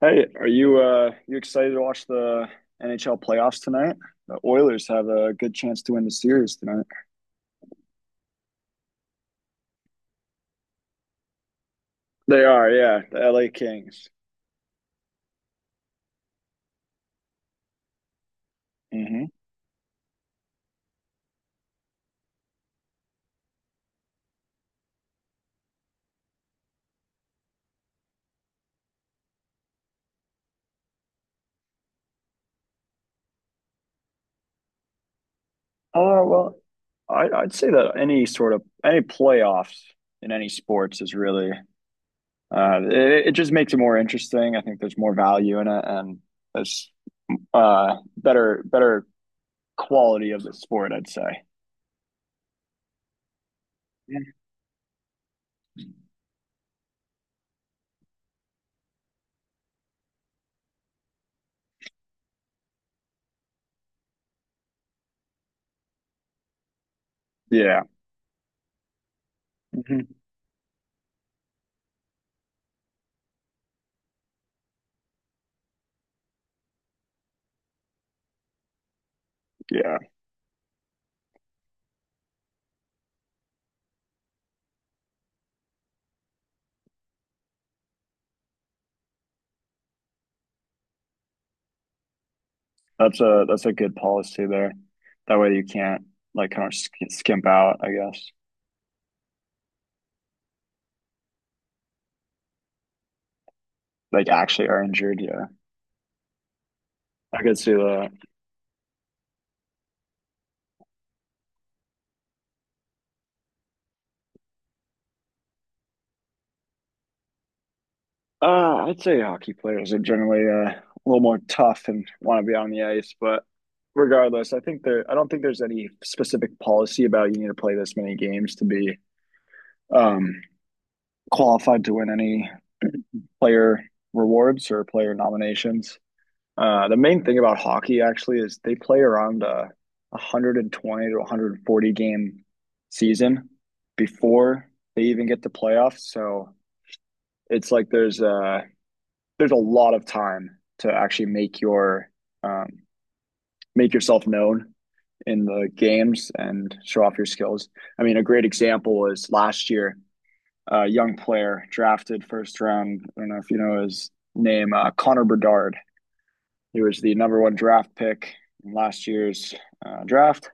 Hey, are you excited to watch the NHL playoffs tonight? The Oilers have a good chance to win the series tonight. They are, yeah, the LA Kings. Mm-hmm. Oh, well, I'd say that any sort of any playoffs in any sports is really it, it just makes it more interesting. I think there's more value in it, and there's uh, better quality of the sport, I'd say. Yeah. Yeah. Hmm. Yeah. That's a good policy there. That way you can't skimp out, I guess. Like, actually are injured. Yeah, I could see that. I'd say hockey players are generally a little more tough and want to be on the ice, but regardless, I don't think there's any specific policy about you need to play this many games to be um, qualified to win any player rewards or player nominations. The main thing about hockey actually is they play around a 120 to 140 game season before they even get to playoffs. So it's like there's a lot of time to actually make your um, make yourself known in the games and show off your skills. I mean, a great example is last year, a young player drafted first round. I don't know if you know his name, Connor Bedard. He was the number one draft pick in last year's draft.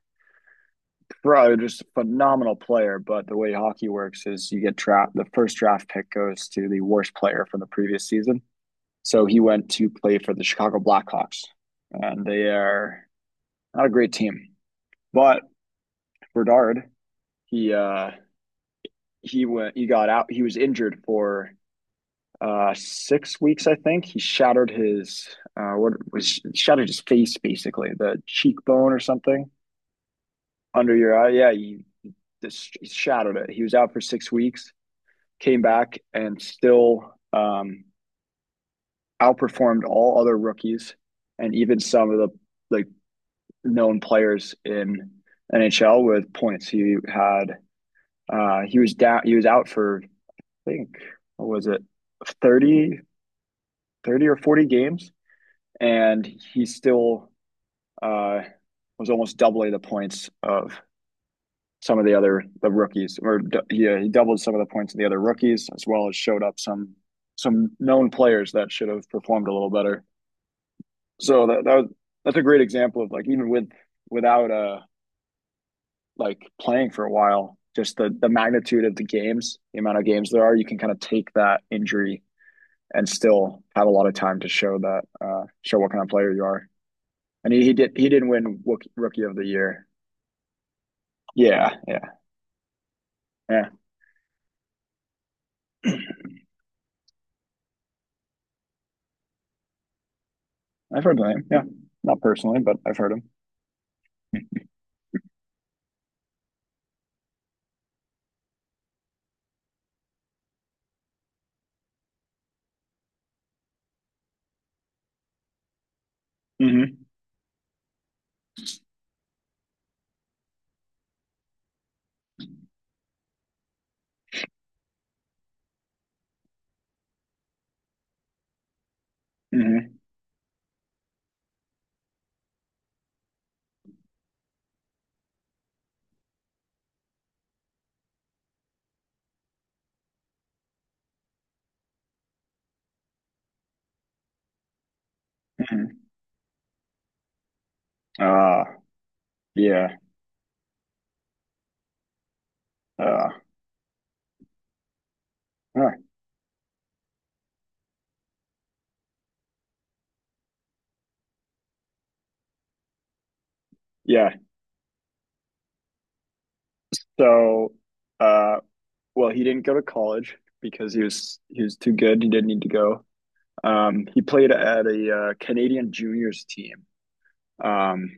Probably just a phenomenal player, but the way hockey works is you get trapped. The first draft pick goes to the worst player from the previous season. So he went to play for the Chicago Blackhawks, and they are not a great team. But Bernard, he he went. He got out. He was injured for 6 weeks, I think. He shattered his what was shattered his face, basically the cheekbone or something. Under your eye, yeah, he just shadowed it. He was out for 6 weeks, came back, and still outperformed all other rookies and even some of the like known players in NHL with points. He had he was down. He was out for I think what was it 30 30 or 40 games, and he still uh, was almost doubling the points of some of the other the rookies, or yeah, he doubled some of the points of the other rookies, as well as showed up some known players that should have performed a little better. So that that was, that's a great example of like even without playing for a while. Just the magnitude of the games, the amount of games there are, you can kind of take that injury and still have a lot of time to show what kind of player you are. And he didn't win Rookie of the Year. Yeah, yeah, yeah. I've heard the name. Yeah, not personally, but I've heard him. Mm-hmm. Mm-hmm. Hmm. Uh, yeah. Uh, huh. Yeah. So, uh, well, he didn't go to college because he was too good. He didn't need to go. He played at a Canadian juniors team. Um,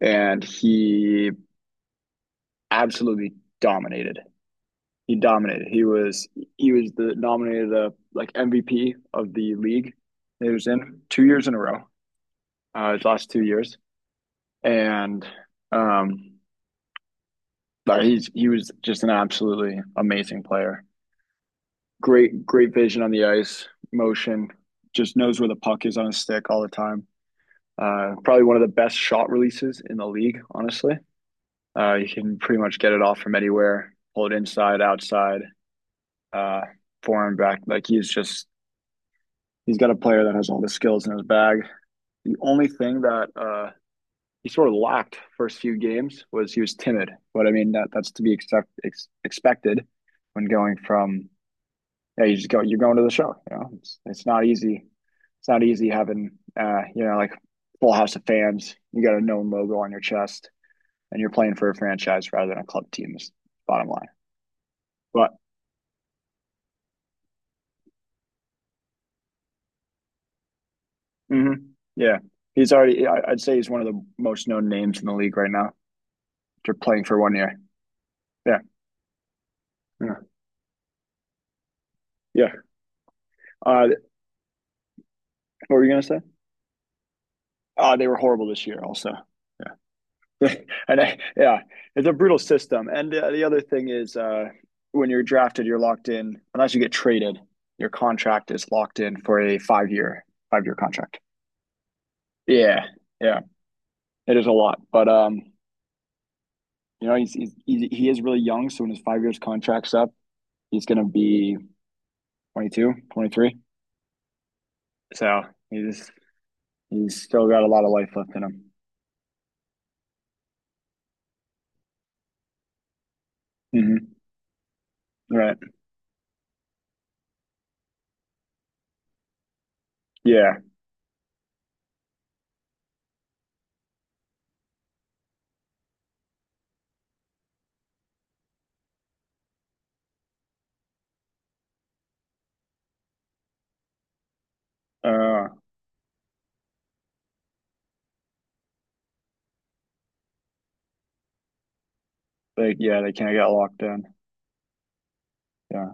and he absolutely dominated. He dominated. He was the nominated the like MVP of the league that he was in 2 years in a row. His last 2 years. And um. But he was just an absolutely amazing player. Great, great vision on the ice, motion, just knows where the puck is on his stick all the time. Probably one of the best shot releases in the league, honestly. You can pretty much get it off from anywhere, pull it inside, outside, uh, forehand, back. Like he's got a player that has all the skills in his bag. The only thing that he sort of lacked first few games was he was timid. But I mean that's to be expected when going from, yeah, you just go, you're going to the show. It's not easy. It's not easy having, you know, like, full house of fans. You got a known logo on your chest, and you're playing for a franchise rather than a club team. Is bottom line. But mhm, yeah, he's already. I would say he's one of the most known names in the league right now. You're playing for one year. Yeah, yeah, yeah. Uh, what were you gonna say? They were horrible this year. Also, and yeah, it's a brutal system. And the other thing is, when you're drafted, you're locked in. Unless you get traded, your contract is locked in for a 5 year contract. Yeah, yeah, it is a lot. But you know, he is really young. So when his 5 years contract's up, he's gonna be 22, 23. So he's he's still got a lot of life left in him. Mm-hmm. Right. Yeah. Uh. Like, yeah, they can't get locked in. Yeah.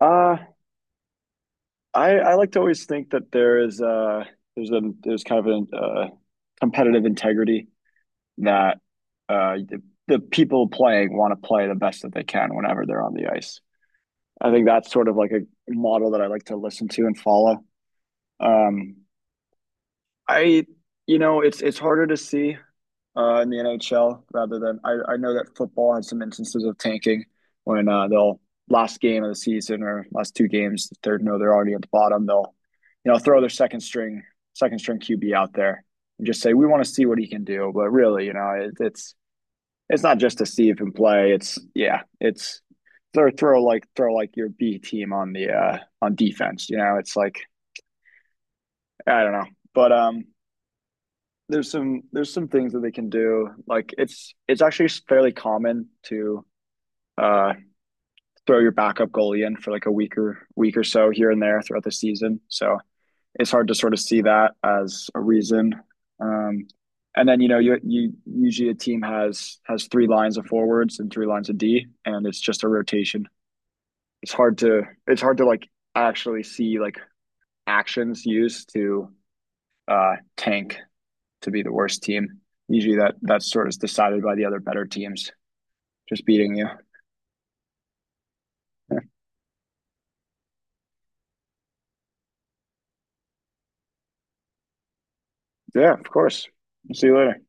Uh I like to always think that there is there's kind of a competitive integrity, that uh the, the people playing want to play the best that they can whenever they're on the ice. I think that's sort of like a model that I like to listen to and follow. Um, I you know, it's harder to see in the NHL. Rather than, I know that football has some instances of tanking when they'll last game of the season, or last two games the third, no they're already at the bottom, they'll, you know, throw their second string QB out there and just say we want to see what he can do. But really, you know, it's not just to see if him play. It's, yeah, it's throw like your B team on the on defense, you know, it's like, I don't know. But um, there's some things that they can do. Like it's actually fairly common to uh, throw your backup goalie in for like a week or week or so here and there throughout the season. So it's hard to sort of see that as a reason. Um, and then you know you usually a team has three lines of forwards and three lines of D, and it's just a rotation. It's hard to like actually see like actions used to tank to be the worst team. Usually that's sort of decided by the other better teams just beating you. Yeah, of course. See you later.